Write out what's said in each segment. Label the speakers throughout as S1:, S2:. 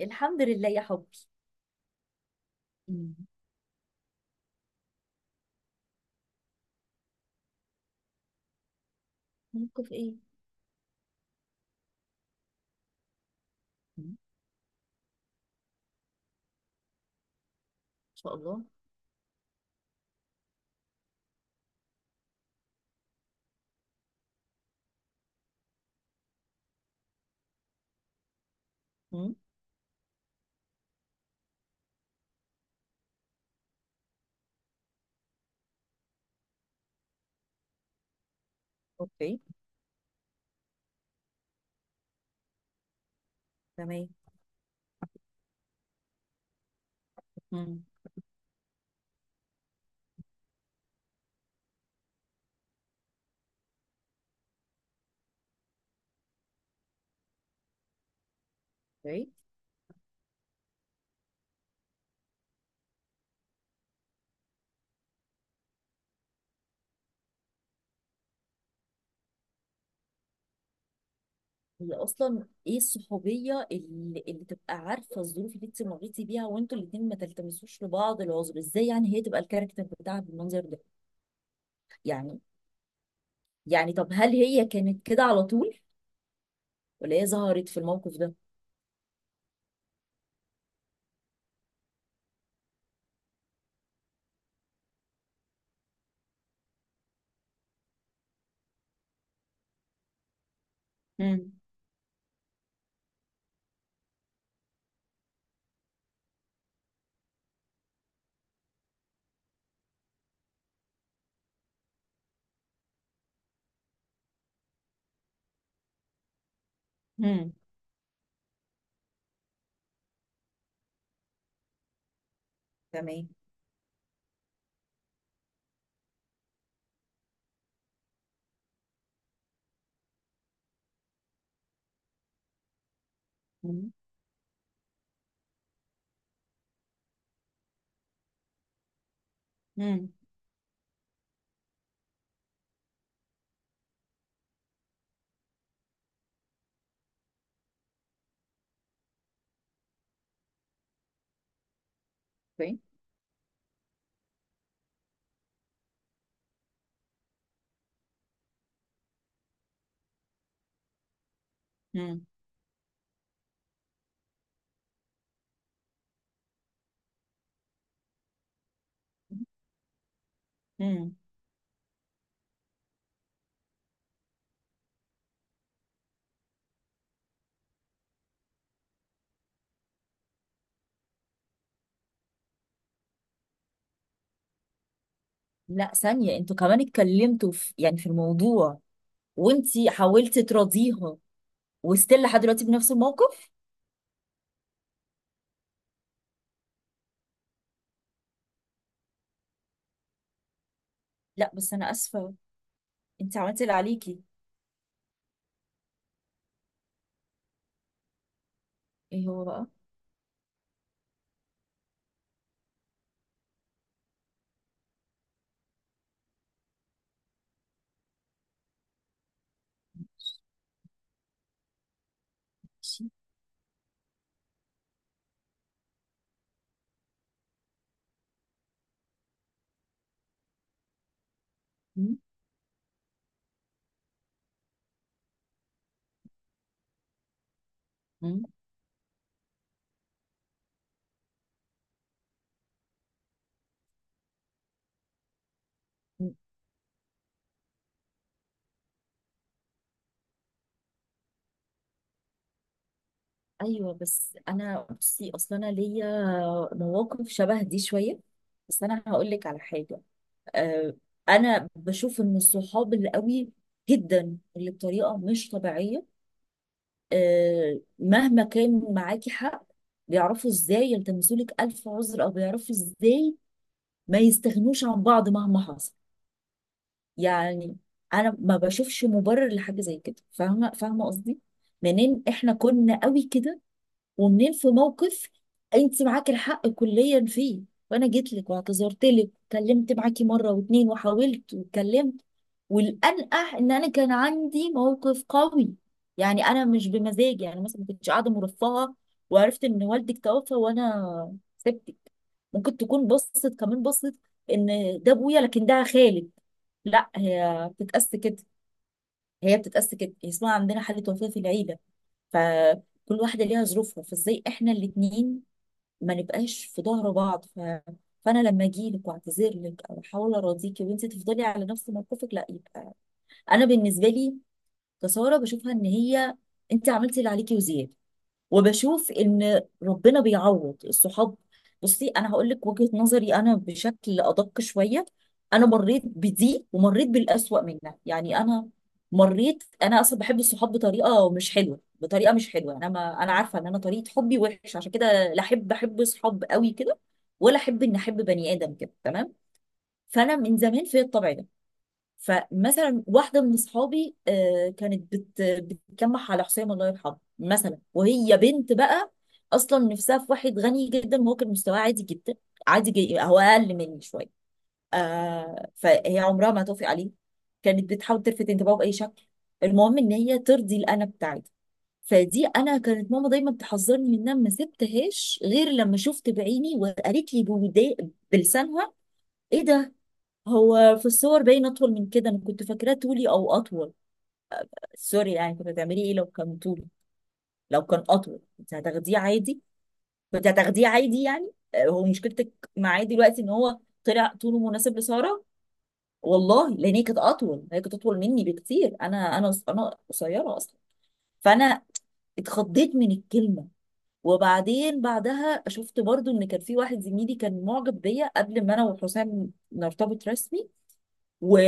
S1: الحمد لله يا حبي. مم. موقف ايه؟ مم. ان شاء الله. مم. اوكي. تمام. مم. اوكي. هي اصلا ايه الصحوبيه اللي تبقى عارفه الظروف اللي انت مريتي بيها وانتوا الاثنين ما تلتمسوش لبعض العذر ازاي، يعني هي تبقى الكاركتر بتاعها بالمنظر ده يعني يعني طب هل هي كانت كده على طول ولا هي ظهرت في الموقف ده؟ مم. مم. تمام. مم. مم. اوكي. مم. مم. لا ثانيه، انتوا كمان اتكلمتوا في يعني في الموضوع وانتي حاولتي تراضيها؟ وستيل لحد دلوقتي بنفس الموقف؟ لا بس انا اسفه، انت عملتي اللي عليكي. ايه هو بقى؟ ماشي. مم. مم. مم. ايوه، بس انا بصي اصلا انا ليا مواقف شبه دي شويه، بس انا هقول لك على حاجه. أه، انا بشوف ان الصحاب اللي قوي جدا اللي بطريقه مش طبيعيه، أه مهما كان معاكي حق، بيعرفوا ازاي يلتمسوا لك الف عذر، او بيعرفوا ازاي ما يستغنوش عن بعض مهما حصل يعني. انا ما بشوفش مبرر لحاجه زي كده، فاهمه فاهمه قصدي؟ منين احنا كنا قوي كده، ومنين في موقف انت معاكي الحق كليا فيه، وانا جيت لك واعتذرت لك وكلمت معاكي مره واتنين وحاولت واتكلمت. والانقح ان انا كان عندي موقف قوي، يعني انا مش بمزاجي، يعني مثلا ما كنتش قاعده مرفهه وعرفت ان والدك توفى وانا سبتك. ممكن تكون بصت، كمان بصت ان ده ابويا لكن ده خالد. لا، هي بتتقاس كده، هي بتتقاس كده، هي اسمها عندنا حالة وفاة في العيلة، فكل واحدة ليها ظروفها، فازاي احنا الاتنين ما نبقاش في ظهر بعض؟ فانا لما اجي لك واعتذر لك او احاول اراضيكي وانت تفضلي على نفس موقفك، لا يبقى انا بالنسبة لي كسارة بشوفها، ان هي انت عملتي اللي عليكي وزيادة، وبشوف ان ربنا بيعوض الصحاب. بصي، انا هقول لك وجهة نظري انا بشكل ادق شوية. انا مريت بدي ومريت بالاسوأ منها يعني، انا مريت، انا اصلا بحب الصحاب بطريقه مش حلوه، بطريقه مش حلوه يعني، انا ما انا عارفه ان انا طريقه حبي وحش، عشان كده لا احب احب صحاب قوي كده، ولا احب ان احب بني ادم كده، تمام. فانا من زمان في الطبع ده. فمثلا واحده من اصحابي كانت بتكمح على حسام الله يرحمه مثلا، وهي بنت بقى اصلا نفسها في واحد غني جدا، وهو كان مستواه عادي جدا، عادي جي، هو اقل مني شويه. فهي عمرها ما هتوافق عليه، كانت بتحاول تلفت انتباهه باي شكل، المهم ان هي ترضي الانا بتاعتها. فدي انا كانت ماما دايما تحذرني منها، ما سبتهاش غير لما شفت بعيني وقالت لي بلسانها. ايه ده، هو في الصور باين اطول من كده، انا كنت فاكراه طولي او اطول. سوري، يعني كنت هتعملي ايه لو كان طولي؟ لو كان اطول كنت هتاخديه عادي؟ كنت هتاخديه عادي يعني، هو مشكلتك معاه دلوقتي ان هو طلع طوله مناسب لسارة؟ والله لان هي كانت اطول، هي كانت اطول مني بكتير، انا قصيره اصلا. فانا اتخضيت من الكلمه. وبعدين بعدها شفت برضو ان كان في واحد زميلي كان معجب بيا قبل ما انا وحسام نرتبط رسمي. و...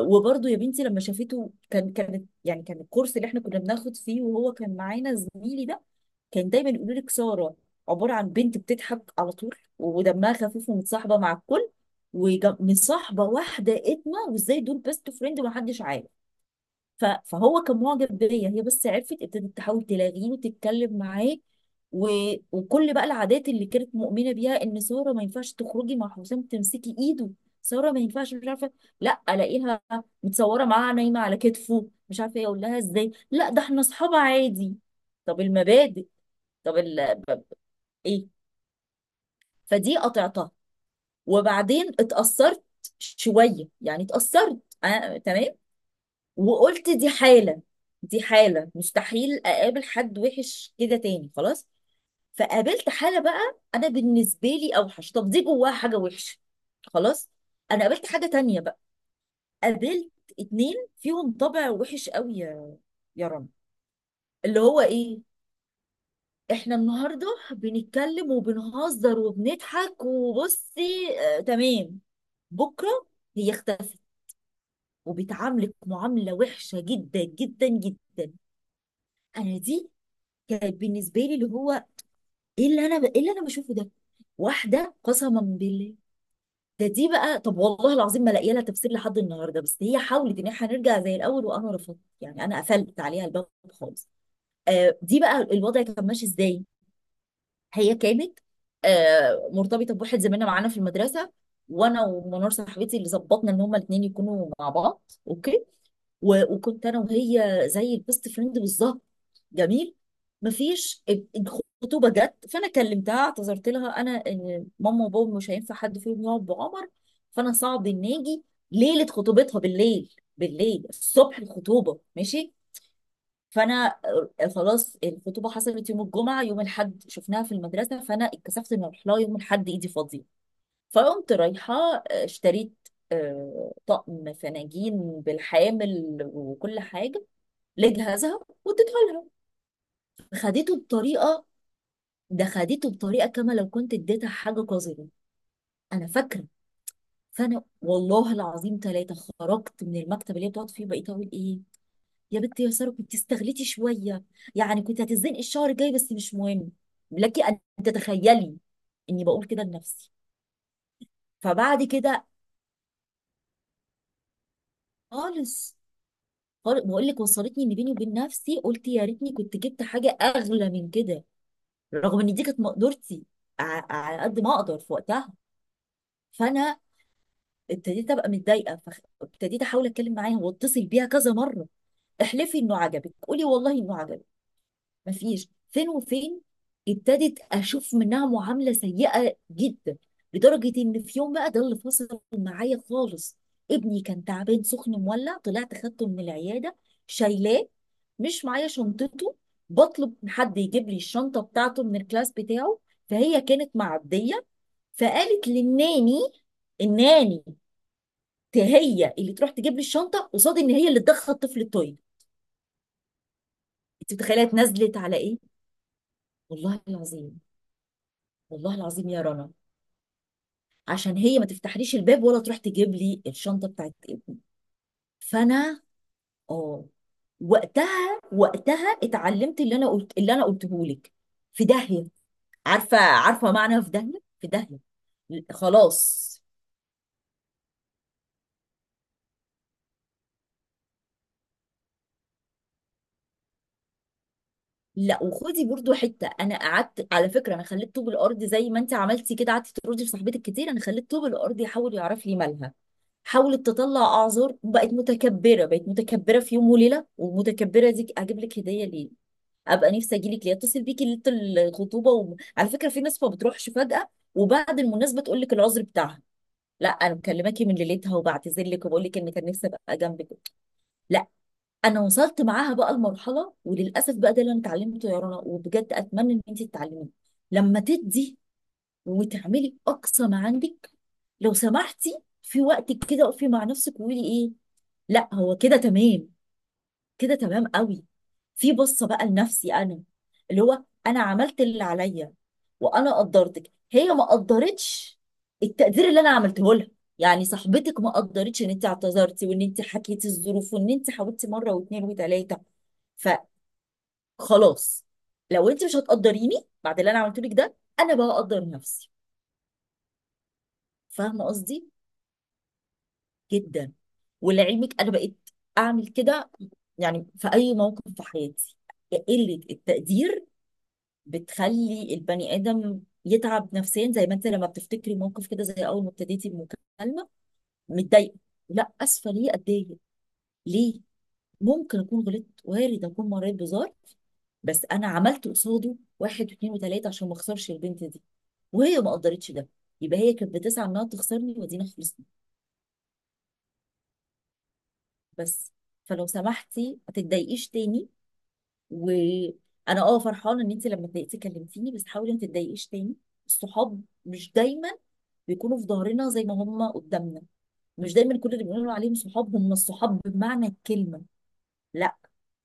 S1: وبرضه يا بنتي لما شافته كان كانت يعني كان الكورس اللي احنا كنا بناخد فيه وهو كان معانا زميلي ده. كان دايما يقول لك ساره عباره عن بنت بتضحك على طول ودمها خفيف ومتصاحبه مع الكل، ومصاحبه واحده اتمه، وازاي دول بيست فريند ومحدش عارف. فهو كان معجب بيا هي، بس عرفت ابتدت تحاول تلاغيه وتتكلم معاه. و... وكل بقى العادات اللي كانت مؤمنه بيها ان ساره ما ينفعش تخرجي مع حسام تمسكي ايده، ساره ما ينفعش، مش عارفه. لا الاقيها متصوره معاه نايمه على كتفه مش عارفه ايه، اقول لها ازاي؟ لا ده احنا اصحاب عادي. طب المبادئ؟ طب ايه؟ فدي قطعتها. وبعدين اتأثرت شويه يعني، اتأثرت تمام. وقلت دي حالة، دي حالة مستحيل أقابل حد وحش كده تاني خلاص. فقابلت حالة بقى أنا بالنسبة لي أوحش، طب دي جواها حاجة وحشة خلاص. أنا قابلت حاجة تانية بقى، قابلت اتنين فيهم طبع وحش قوي يا رنا. اللي هو إيه؟ إحنا النهاردة بنتكلم وبنهزر وبنضحك وبصي آه تمام، بكرة هي اختفت وبتعاملك معاملة وحشة جدا جدا جدا. انا دي كانت بالنسبه لي، اللي هو ايه اللي انا ايه اللي انا بشوفه ده، واحده قسما بالله. دي بقى، طب والله العظيم ما لاقيه لها تفسير لحد النهارده، بس هي حاولت ان احنا نرجع زي الاول وانا رفضت، يعني انا قفلت عليها الباب خالص. دي بقى الوضع كان ماشي ازاي؟ هي كانت مرتبطه بواحد زميلنا معانا في المدرسه، وانا ومنار صاحبتي اللي ظبطنا ان هما الاثنين يكونوا مع بعض. اوكي. وكنت انا وهي زي البيست فريند بالظبط. جميل. مفيش الخطوبه جت، فانا كلمتها اعتذرت لها انا إن ماما وبابا مش هينفع حد فيهم يقعد بعمر، فانا صعب ان اجي ليله خطوبتها بالليل، بالليل الصبح الخطوبه ماشي. فانا خلاص الخطوبه حصلت يوم الجمعه، يوم الاحد شفناها في المدرسه، فانا اتكسفت ان اروح لها يوم الاحد ايدي فاضيه. فقمت رايحه اشتريت طقم فناجين بالحامل وكل حاجه لجهازها واديته لها. خدته بطريقه، ده خدته بطريقه كما لو كنت اديتها حاجه قذره انا فاكره. فانا والله العظيم ثلاثه خرجت من المكتب اللي هي بتقعد فيه، بقيت اقول ايه، يا بنت يا ساره كنت استغلتي شويه، يعني كنت هتتزنقي الشهر الجاي بس مش مهم، لك ان تتخيلي اني بقول كده لنفسي. فبعد كده، خالص بقول لك، وصلتني ان بيني وبين نفسي قلت يا ريتني كنت جبت حاجه اغلى من كده، رغم ان دي كانت مقدرتي على قد ما اقدر في وقتها. فانا ابتديت ابقى متضايقه، فابتديت احاول اتكلم معاها واتصل بيها كذا مره، احلفي انه عجبك، قولي والله انه عجبك، مفيش فين وفين. ابتدت اشوف منها معامله سيئه جدا، لدرجه ان في يوم بقى ده اللي فصل معايا خالص. ابني كان تعبان سخن مولع، طلعت خدته من العياده شايلاه مش معايا شنطته، بطلب من حد يجيب لي الشنطه بتاعته من الكلاس بتاعه. فهي كانت معديه، فقالت للناني، الناني هي اللي تروح تجيب لي الشنطه، قصاد ان هي اللي تدخل الطفل التويليت. انت متخيله اتنزلت على ايه؟ والله العظيم، والله العظيم يا رنا. عشان هي ما تفتحليش الباب ولا تروح تجيب لي الشنطه بتاعت ابني. فانا اه وقتها، وقتها اتعلمت، اللي انا قلته لك، في داهيه. عارفه عارفه معنى في داهيه؟ في داهيه. خلاص. لا وخدي برضو حته، انا قعدت على فكره، انا خليت طوب الارض زي ما انت عملتي كده قعدتي تردي لصاحبتك كتير، انا خليت طوب الارض يحاول يعرف لي مالها. حاولت تطلع اعذار وبقت متكبره، بقت متكبره في يوم وليله، والمتكبره دي اجيب لك هديه ليه؟ ابقى نفسي اجي لك ليه؟ اتصل بيكي ليله الخطوبه، وعلى فكره في ناس ما بتروحش فجاه وبعد المناسبه تقول لك العذر بتاعها، لا انا مكلماكي من ليلتها، وبعتذر لك وبقول لك ان كان نفسي ابقى جنبك. لا، انا وصلت معاها بقى المرحله، وللاسف بقى ده اللي انا اتعلمته يا رنا، وبجد اتمنى ان انت تتعلميه. لما تدي وتعملي اقصى ما عندك، لو سمحتي في وقتك كده اقفي مع نفسك وقولي ايه، لا هو كده تمام، كده تمام قوي. في بصه بقى لنفسي انا، اللي هو انا عملت اللي عليا، وانا قدرتك هي ما قدرتش التقدير اللي انا عملته لها. يعني صاحبتك ما قدرتش ان انت اعتذرتي وان انت حكيتي الظروف وان انت حاولتي مره واثنين وثلاثه، فخلاص، لو انت مش هتقدريني بعد اللي انا عملته لك ده، انا بقى اقدر نفسي. فاهمه قصدي؟ جدا. ولعلمك انا بقيت اعمل كده، يعني في اي موقف في حياتي، قله التقدير بتخلي البني ادم يتعب نفسيا، زي ما انت لما بتفتكري موقف كده زي اول ما ابتديتي المكالمه متضايقه. لا، اسفه، ليه اتضايق ليه؟ ممكن اكون غلطت، وارد اكون مريت بظرف، بس انا عملت قصاده واحد واثنين وثلاثه عشان ما اخسرش البنت دي، وهي ما قدرتش ده، يبقى هي كانت بتسعى انها تخسرني، ودينا خلصنا بس. فلو سمحتي ما تتضايقيش تاني، وانا فرحانه ان انت لما اتضايقتي كلمتيني، بس حاولي ما تتضايقيش تاني. الصحاب مش دايما بيكونوا في ظهرنا زي ما هم قدامنا، مش دايما كل اللي بنقول عليهم صحاب هم الصحاب بمعنى الكلمه، لا،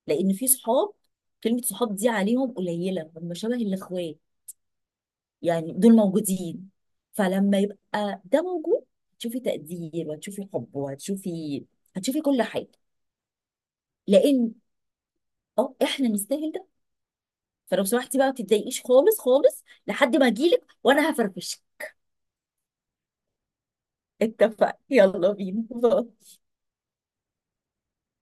S1: لان في صحاب، كلمه صحاب دي عليهم قليله، هم شبه الاخوات، يعني دول موجودين. فلما يبقى ده موجود، هتشوفي تقدير وهتشوفي حب وهتشوفي كل حاجه، لان اه احنا نستاهل ده. فلو سمحتي بقى ما تتضايقيش خالص خالص لحد ما اجيلك، وانا هفرفشك. اتفقنا، يلا بينا.